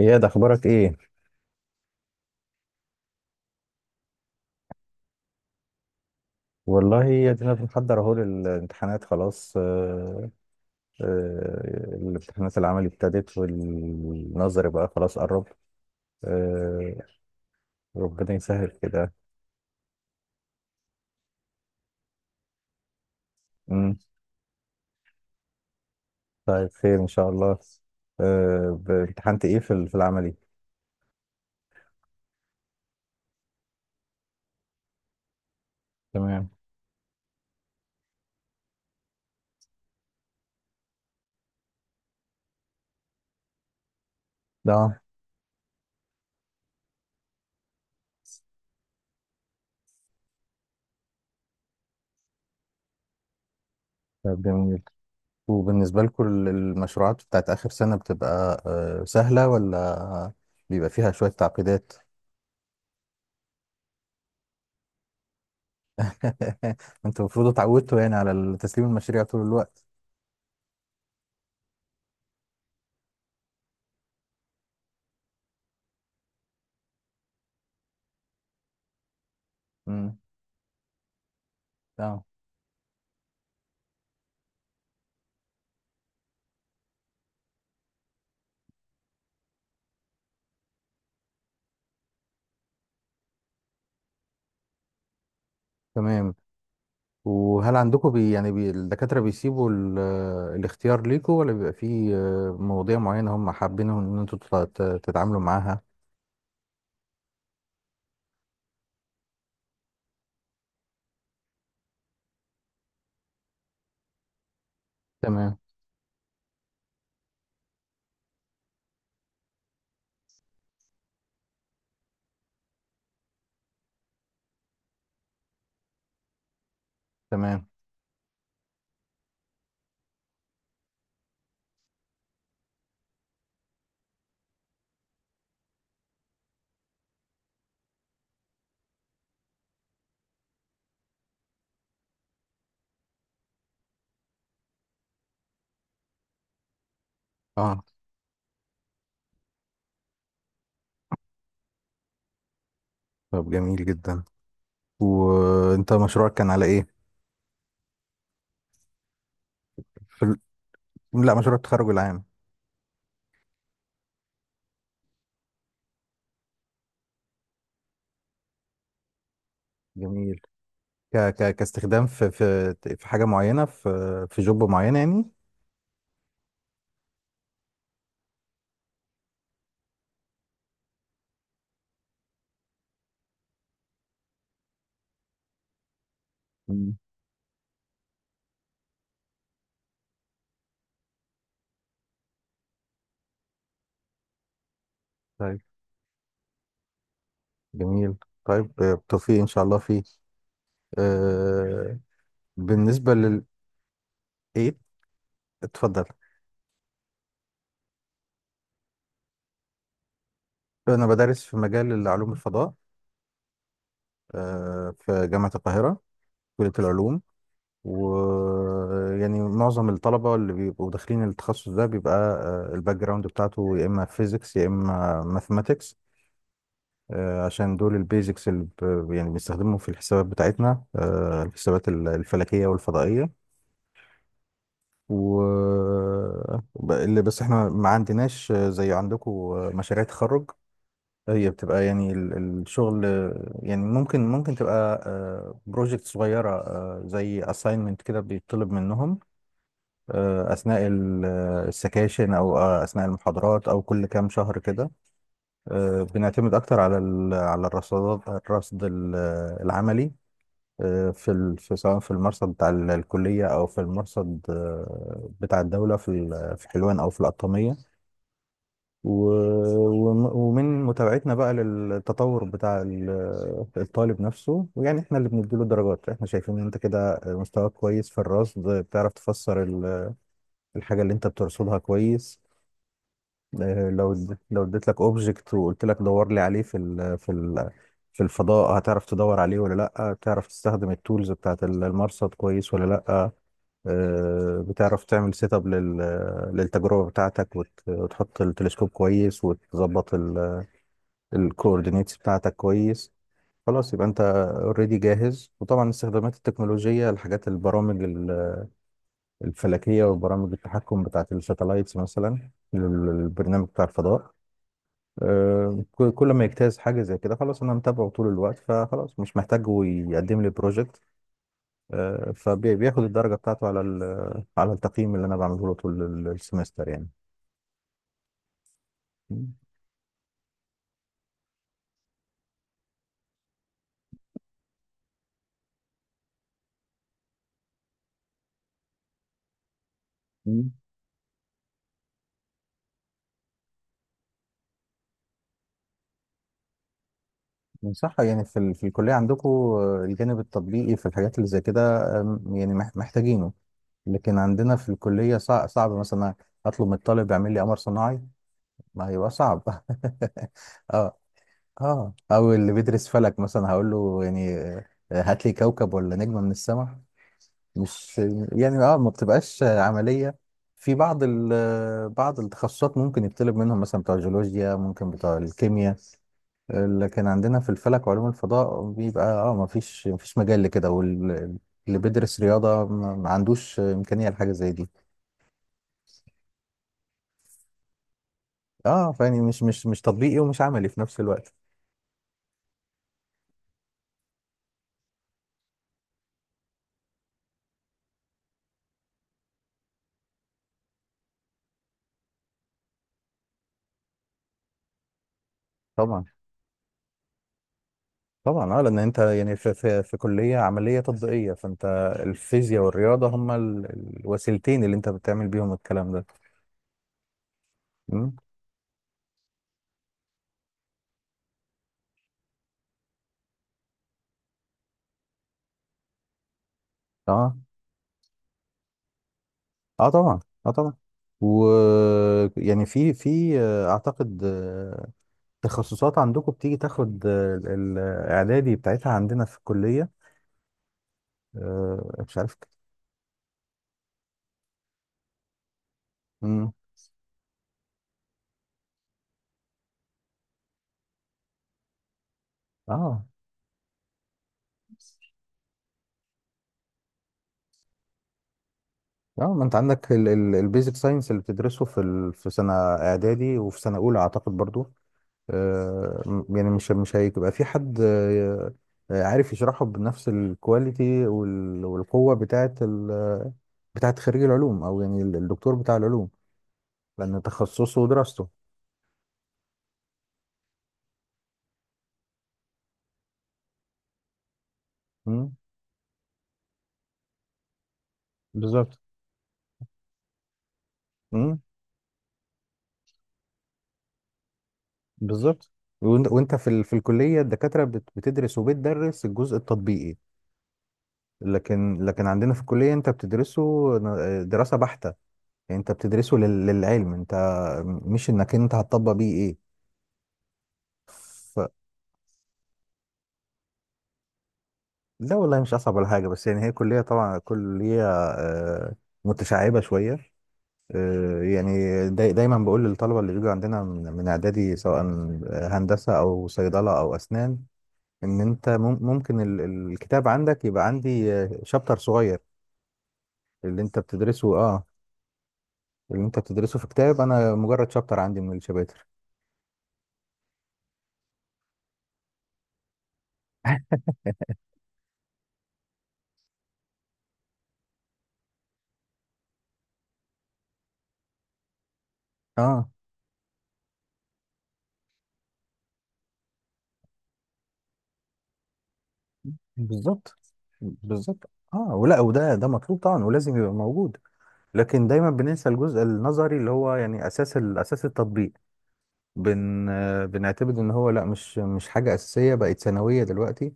اياد، اخبارك ايه؟ والله يا دينا بنحضر اهو للامتحانات خلاص. الامتحانات العملي ابتدت والنظري بقى خلاص قرب. آه، ربنا يسهل كده. مم. طيب خير ان شاء الله. امتحنت ايه في في العملي؟ تمام. ده. طيب جميل. وبالنسبة لكم المشروعات بتاعت آخر سنة بتبقى سهلة ولا بيبقى فيها شوية تعقيدات؟ انتوا المفروض اتعودتوا يعني على تسليم المشاريع طول الوقت. مم. اه، تمام. وهل عندكم بي يعني بي الدكاترة بيسيبوا الاختيار ليكم ولا بيبقى في مواضيع معينة هم حابين ان انتوا تتعاملوا معاها؟ تمام، تمام، اه. طب جميل جدا. وانت مشروعك كان على ايه؟ في ال... لا، مشروع التخرج العام. جميل. كاستخدام في حاجة معينة في جوب معين يعني؟ مم. طيب جميل. طيب بالتوفيق ان شاء الله فيه. آه... بالنسبة لل... ايه، اتفضل. أنا بدرس في مجال علوم الفضاء، في جامعة القاهرة، كلية العلوم. ويعني معظم الطلبة اللي بيبقوا داخلين التخصص ده بيبقى الباك جراوند بتاعته يا إما فيزيكس يا إما ماثماتكس، عشان دول البيزكس اللي يعني بنستخدمهم في الحسابات بتاعتنا، الحسابات الفلكية والفضائية. و اللي بس احنا ما عندناش زي عندكم مشاريع تخرج. هي بتبقى يعني الشغل. يعني ممكن تبقى بروجكت صغيرة زي assignment كده بيطلب منهم، أثناء السكاشن أو أثناء المحاضرات أو كل كام شهر كده. بنعتمد أكتر على على الرصادات، الرصد العملي، في في سواء في المرصد بتاع الكلية أو في المرصد بتاع الدولة في في حلوان أو في القطامية. ومن متابعتنا بقى للتطور بتاع الطالب نفسه، ويعني احنا اللي بنديله درجات، احنا شايفين ان انت كده مستواك كويس في الرصد، بتعرف تفسر الحاجة اللي انت بترصدها كويس. اه، لو لو اديت لك اوبجكت وقلت لك دور لي عليه في الفضاء، هتعرف تدور عليه ولا لا؟ بتعرف تستخدم التولز بتاعت المرصد كويس ولا لا؟ اه، بتعرف تعمل سيت اب للتجربة بتاعتك، وتحط التلسكوب كويس وتظبط ال الكوردينيتس بتاعتك كويس؟ خلاص، يبقى انت اوريدي جاهز. وطبعا استخدامات التكنولوجيا، الحاجات، البرامج الفلكيه وبرامج التحكم بتاعت الساتلايتس مثلا، البرنامج بتاع الفضاء، كل ما يجتاز حاجه زي كده خلاص انا متابعه طول الوقت، فخلاص مش محتاج هو يقدم لي بروجكت، فبياخد الدرجه بتاعته على على التقييم اللي انا بعمله له طول السمستر يعني. صح، يعني في الكلية عندكم الجانب التطبيقي في الحاجات اللي زي كده، يعني محتاجينه. لكن عندنا في الكلية صعب مثلا أطلب من الطالب يعمل لي قمر صناعي. ما هيبقى صعب. اه. اه، أو اللي بيدرس فلك مثلا هقول له يعني هات لي كوكب ولا نجمة من السماء؟ مش يعني، اه، ما بتبقاش عملية. في بعض بعض التخصصات ممكن يطلب منهم، مثلا بتوع الجيولوجيا، ممكن بتوع الكيمياء. لكن عندنا في الفلك وعلوم الفضاء بيبقى اه ما فيش مجال لكده، واللي بيدرس رياضة ما عندوش إمكانية لحاجة زي دي. اه، فيعني مش تطبيقي ومش عملي في نفس الوقت. طبعا، طبعا. اه، لان انت يعني في كليه عمليه تطبيقيه، فانت الفيزياء والرياضه هما الوسيلتين اللي انت بتعمل بيهم الكلام ده. مم. اه، اه، طبعا. اه، طبعا. و، يعني في في اعتقد تخصصات عندكم بتيجي تاخد الاعدادي بتاعتها عندنا في الكليه، مش عارف. امم اه، اه، ما انت عندك البيزك ساينس اللي بتدرسه في في سنه اعدادي وفي سنه اولى اعتقد برضو. يعني مش هيبقى في حد عارف يشرحه بنفس الكواليتي والقوه بتاعت بتاعت خريج العلوم، او يعني الدكتور بتاع العلوم، لأن تخصصه ودراسته. مم. بالظبط. مم. بالظبط. وانت في في الكلية الدكاترة بتدرس الجزء التطبيقي، لكن عندنا في الكلية انت بتدرسه دراسة بحتة، يعني انت بتدرسه للعلم انت، مش انك انت هتطبق بيه ايه. ف... لا والله مش اصعب ولا حاجة، بس يعني هي كلية طبعا كلية متشعبة شوية. يعني دايما بقول للطلبه اللي بيجوا عندنا من اعدادي سواء هندسه او صيدله او اسنان، ان انت ممكن الكتاب عندك يبقى عندي شابتر صغير. اللي انت بتدرسه، اه، اللي انت بتدرسه في كتاب، انا مجرد شابتر عندي من الشباتر. اه، بالظبط، بالظبط. اه، ولا وده ده مطلوب طبعا ولازم يبقى موجود، لكن دايما بننسى الجزء النظري اللي هو يعني اساس اساس التطبيق. بن آه، بنعتبر ان هو لا، مش حاجه اساسيه، بقت ثانويه دلوقتي،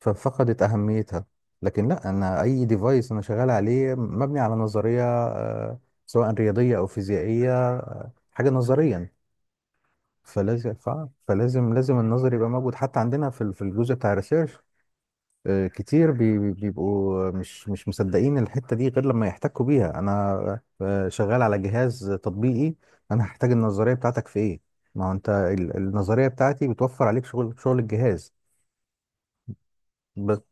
ففقدت أهميتها. لكن لا، أنا أي ديفايس أنا شغال عليه مبني على نظرية سواء رياضية أو فيزيائية، حاجة نظريا. فلازم ف- فلازم لازم النظر يبقى موجود. حتى عندنا في في الجزء بتاع الريسيرش، كتير بيبقوا مش مصدقين الحتة دي غير لما يحتكوا بيها. أنا شغال على جهاز تطبيقي، أنا هحتاج النظرية بتاعتك في إيه؟ ما هو أنت النظرية بتاعتي بتوفر عليك شغل، الجهاز. ب-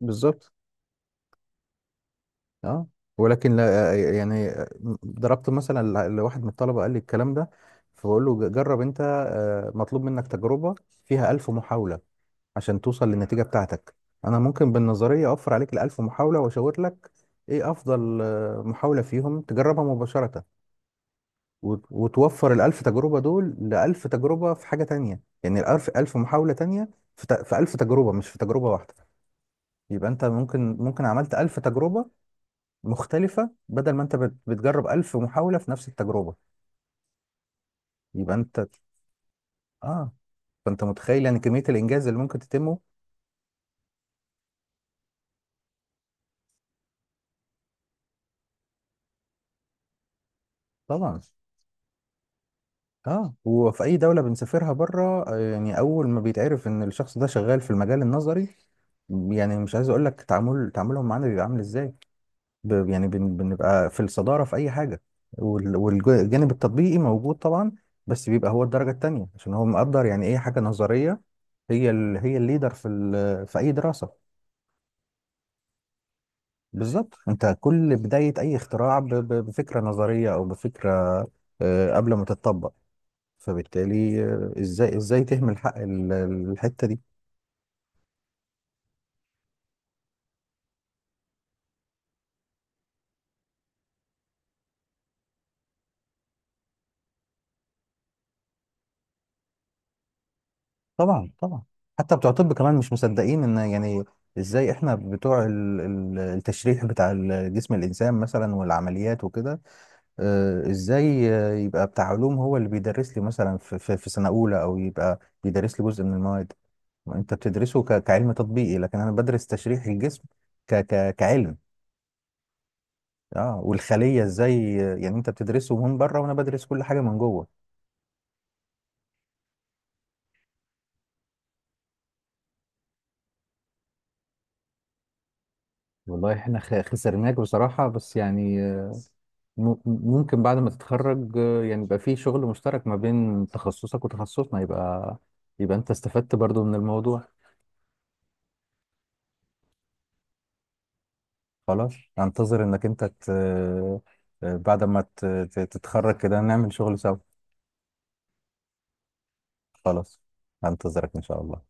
بالظبط. اه، ولكن لا، يعني ضربت مثلا لواحد من الطلبه قال لي الكلام ده، فبقول له جرب انت، مطلوب منك تجربه فيها ألف محاوله عشان توصل للنتيجه بتاعتك. انا ممكن بالنظريه اوفر عليك الألف محاوله واشاور لك ايه افضل محاوله فيهم تجربها مباشره، وتوفر الألف تجربه دول لألف تجربه في حاجه تانية، يعني ألف محاوله تانية في في ألف تجربه مش في تجربه واحده. يبقى انت ممكن عملت ألف تجربه مختلفة بدل ما انت بتجرب ألف محاولة في نفس التجربة. يبقى انت، اه، فانت متخيل يعني كمية الإنجاز اللي ممكن تتمه. طبعا. اه، وفي أي دولة بنسافرها بره يعني أول ما بيتعرف إن الشخص ده شغال في المجال النظري، يعني مش عايز أقول لك تعامل، تعاملهم معانا بيبقى عامل إزاي. بنبقى في الصدارة في أي حاجة. والجانب التطبيقي موجود طبعا، بس بيبقى هو الدرجة التانية، عشان هو مقدر يعني إيه حاجة نظرية. هي الليدر في في أي دراسة. بالظبط، انت كل بداية اي اختراع بفكرة نظرية او بفكرة قبل ما تتطبق، فبالتالي ازاي تهمل حق الحتة دي؟ طبعا، طبعا. حتى بتوع الطب كمان مش مصدقين ان، يعني ازاي احنا بتوع التشريح بتاع جسم الانسان مثلا والعمليات وكده، ازاي يبقى بتاع علوم هو اللي بيدرس لي مثلا في سنة اولى، او يبقى بيدرس لي جزء من المواد انت بتدرسه كعلم تطبيقي، لكن انا بدرس تشريح الجسم كعلم. اه، والخليه، ازاي يعني انت بتدرسه من بره وانا بدرس كل حاجه من جوه. والله احنا خسرناك بصراحة، بس يعني ممكن بعد ما تتخرج يعني يبقى في شغل مشترك ما بين تخصصك وتخصصنا، يبقى يبقى انت استفدت برضو من الموضوع. خلاص، انتظر انك انت ت... آه، بعد ما تتخرج كده نعمل شغل سوا. خلاص، هنتظرك ان شاء الله.